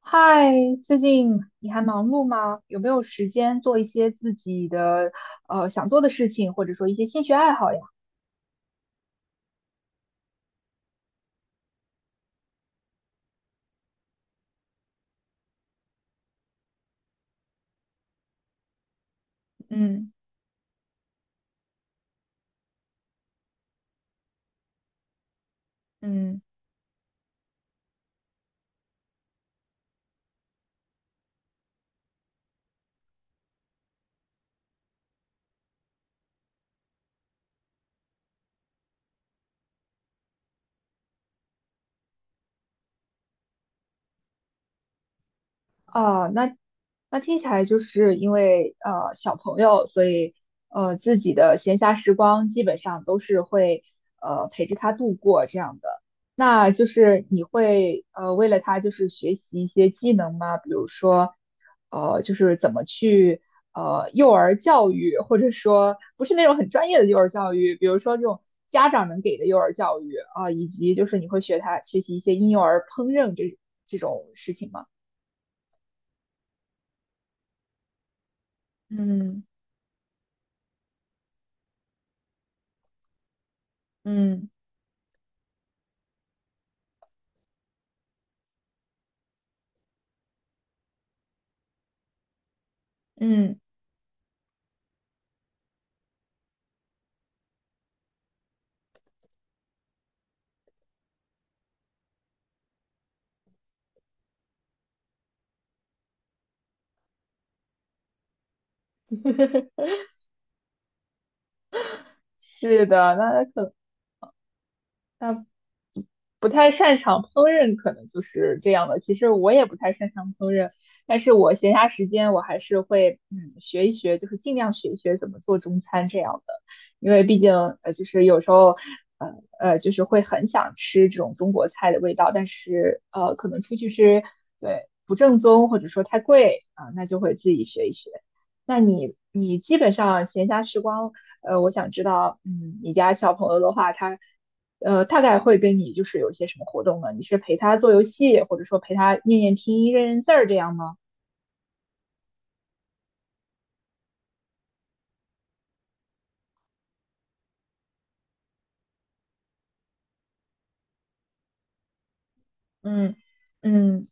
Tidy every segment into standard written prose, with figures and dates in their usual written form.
嗨，最近你还忙碌吗？有没有时间做一些自己的想做的事情，或者说一些兴趣爱好呀？嗯嗯。哦，那听起来就是因为小朋友，所以自己的闲暇时光基本上都是会陪着他度过这样的。那就是你会为了他就是学习一些技能吗？比如说就是怎么去幼儿教育，或者说不是那种很专业的幼儿教育，比如说这种家长能给的幼儿教育啊，以及就是你会学他学习一些婴幼儿烹饪这种事情吗？嗯。嗯嗯，是的，那不太擅长烹饪，可能就是这样的。其实我也不太擅长烹饪，但是我闲暇时间我还是会嗯学一学，就是尽量学一学怎么做中餐这样的，因为毕竟就是有时候呃就是会很想吃这种中国菜的味道，但是可能出去吃对不正宗或者说太贵啊、那就会自己学一学。那你你基本上闲暇时光，呃，我想知道，嗯，你家小朋友的话，他呃，大概会跟你就是有些什么活动呢？你是陪他做游戏，或者说陪他念念拼音、认认字儿这样吗？嗯嗯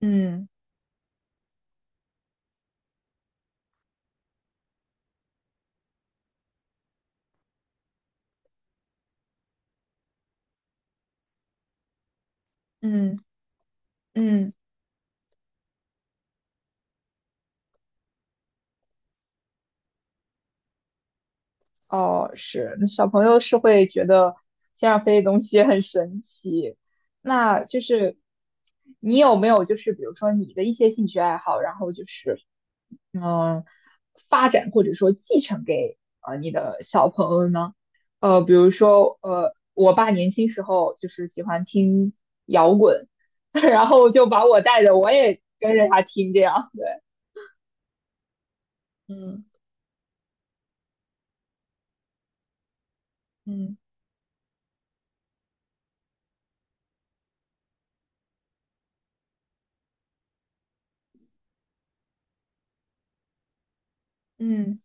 嗯嗯嗯。哦，是，那小朋友是会觉得天上飞的东西很神奇。那就是你有没有就是比如说你的一些兴趣爱好，然后就是嗯发展或者说继承给你的小朋友呢？呃，比如说呃，我爸年轻时候就是喜欢听摇滚，然后就把我带着，我也跟着他听这样，对。嗯嗯嗯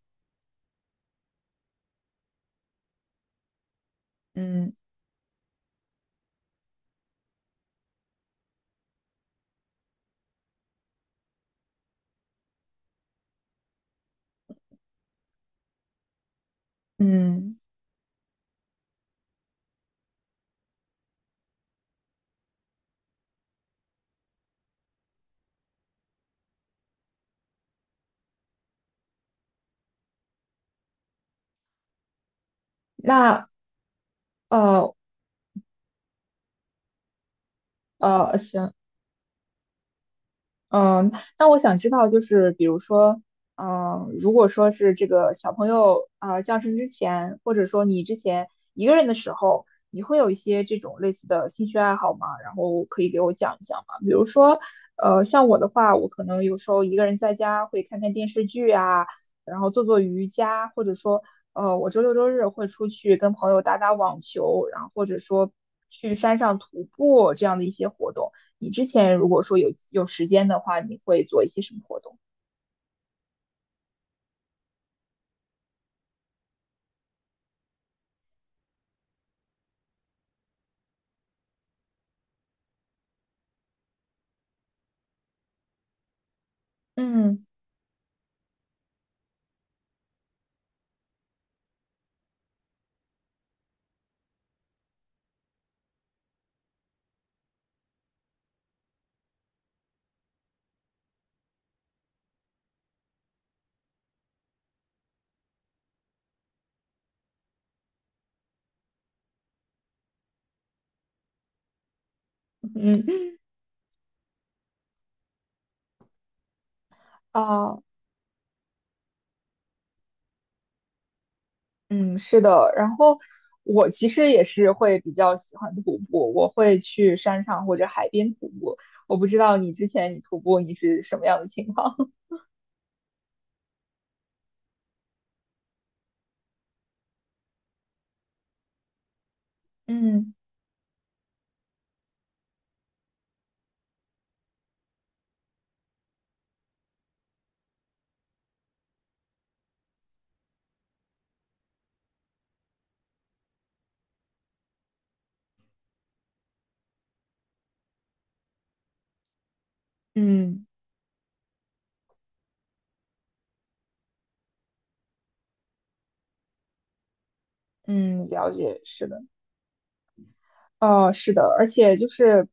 嗯嗯，那呃，呃，行，嗯，那我想知道，就是比如说，嗯，如果说是这个小朋友啊，降生之前，或者说你之前一个人的时候，你会有一些这种类似的兴趣爱好吗？然后可以给我讲一讲吗？比如说，呃，像我的话，我可能有时候一个人在家会看看电视剧啊，然后做做瑜伽，或者说，呃，我周六周日会出去跟朋友打打网球，然后或者说去山上徒步这样的一些活动。你之前如果说有时间的话，你会做一些什么活动？嗯嗯啊，嗯，是的。然后我其实也是会比较喜欢徒步，我会去山上或者海边徒步。我不知道你之前你徒步你是什么样的情况？嗯嗯，嗯，了解，是的。呃，是的，而且就是，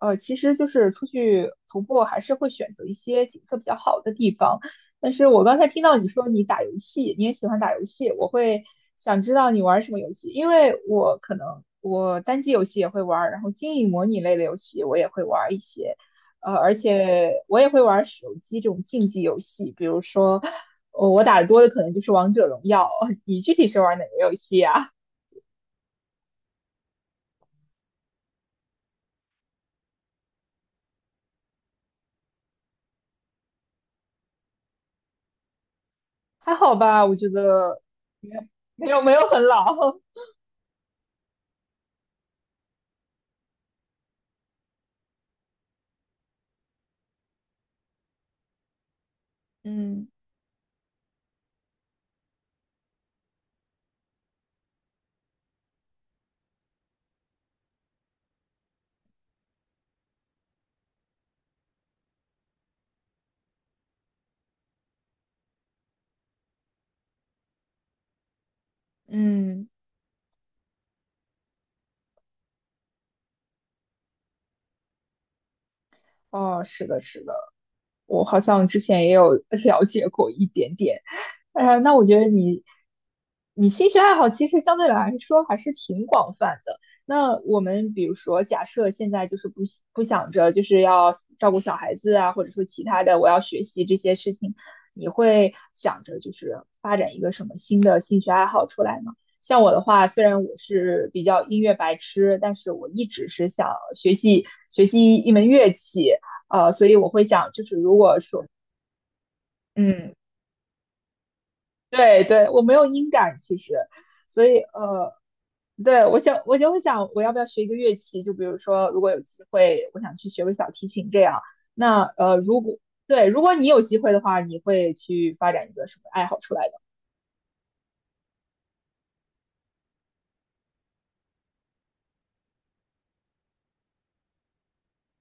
呃，其实就是出去徒步还是会选择一些景色比较好的地方。但是我刚才听到你说你打游戏，你也喜欢打游戏，我会想知道你玩什么游戏，因为我可能我单机游戏也会玩然后经营模拟类的游戏我也会玩一些，呃，而且我也会玩手机这种竞技游戏，比如说，我打的多的可能就是王者荣耀。你具体是玩哪个游戏啊？还好吧，我觉得没有没有很老。嗯嗯，哦，是的，是的。我好像之前也有 了解过一点点。呃，那我觉得你你兴趣爱好其实相对来说还是挺广泛的。那我们比如说，假设现在就是不喜不想着就是要照顾小孩子啊，或者说其他的，我要学习这些事情，你会想着就是发展一个什么新的兴趣爱好出来吗？像我的话，虽然我是比较音乐白痴，但是我一直是想学习学习一门乐器。呃，所以我会想，就是如果说，嗯，对对，我没有音感其实，所以，对我想我就会想，我要不要学一个乐器？就比如说，如果有机会，我想去学个小提琴这样。那呃，如果对，如果你有机会的话，你会去发展一个什么爱好出来的？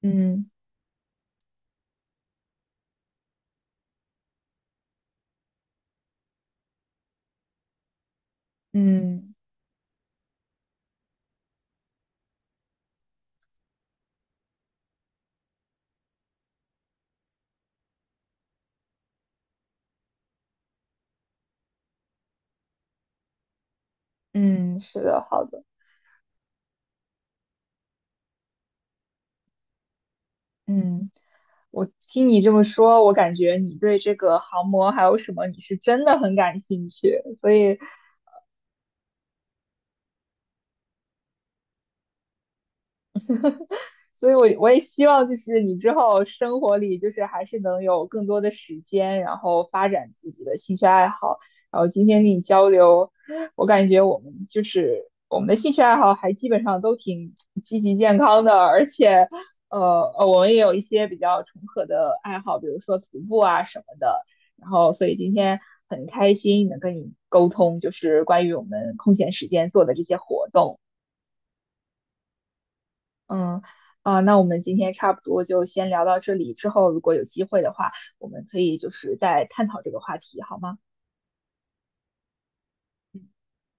嗯嗯嗯是的，好的，嗯，我听你这么说，我感觉你对这个航模还有什么，你是真的很感兴趣，所以所以我，我也希望就是你之后生活里就是还是能有更多的时间，然后发展自己的兴趣爱好。然后今天跟你交流，我感觉我们就是我们的兴趣爱好还基本上都挺积极健康的，而且呃，我们也有一些比较重合的爱好，比如说徒步啊什么的。然后，所以今天很开心能跟你沟通，就是关于我们空闲时间做的这些活动。嗯，啊，那我们今天差不多就先聊到这里，之后如果有机会的话，我们可以就是再探讨这个话题，好吗？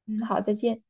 嗯，好，再见。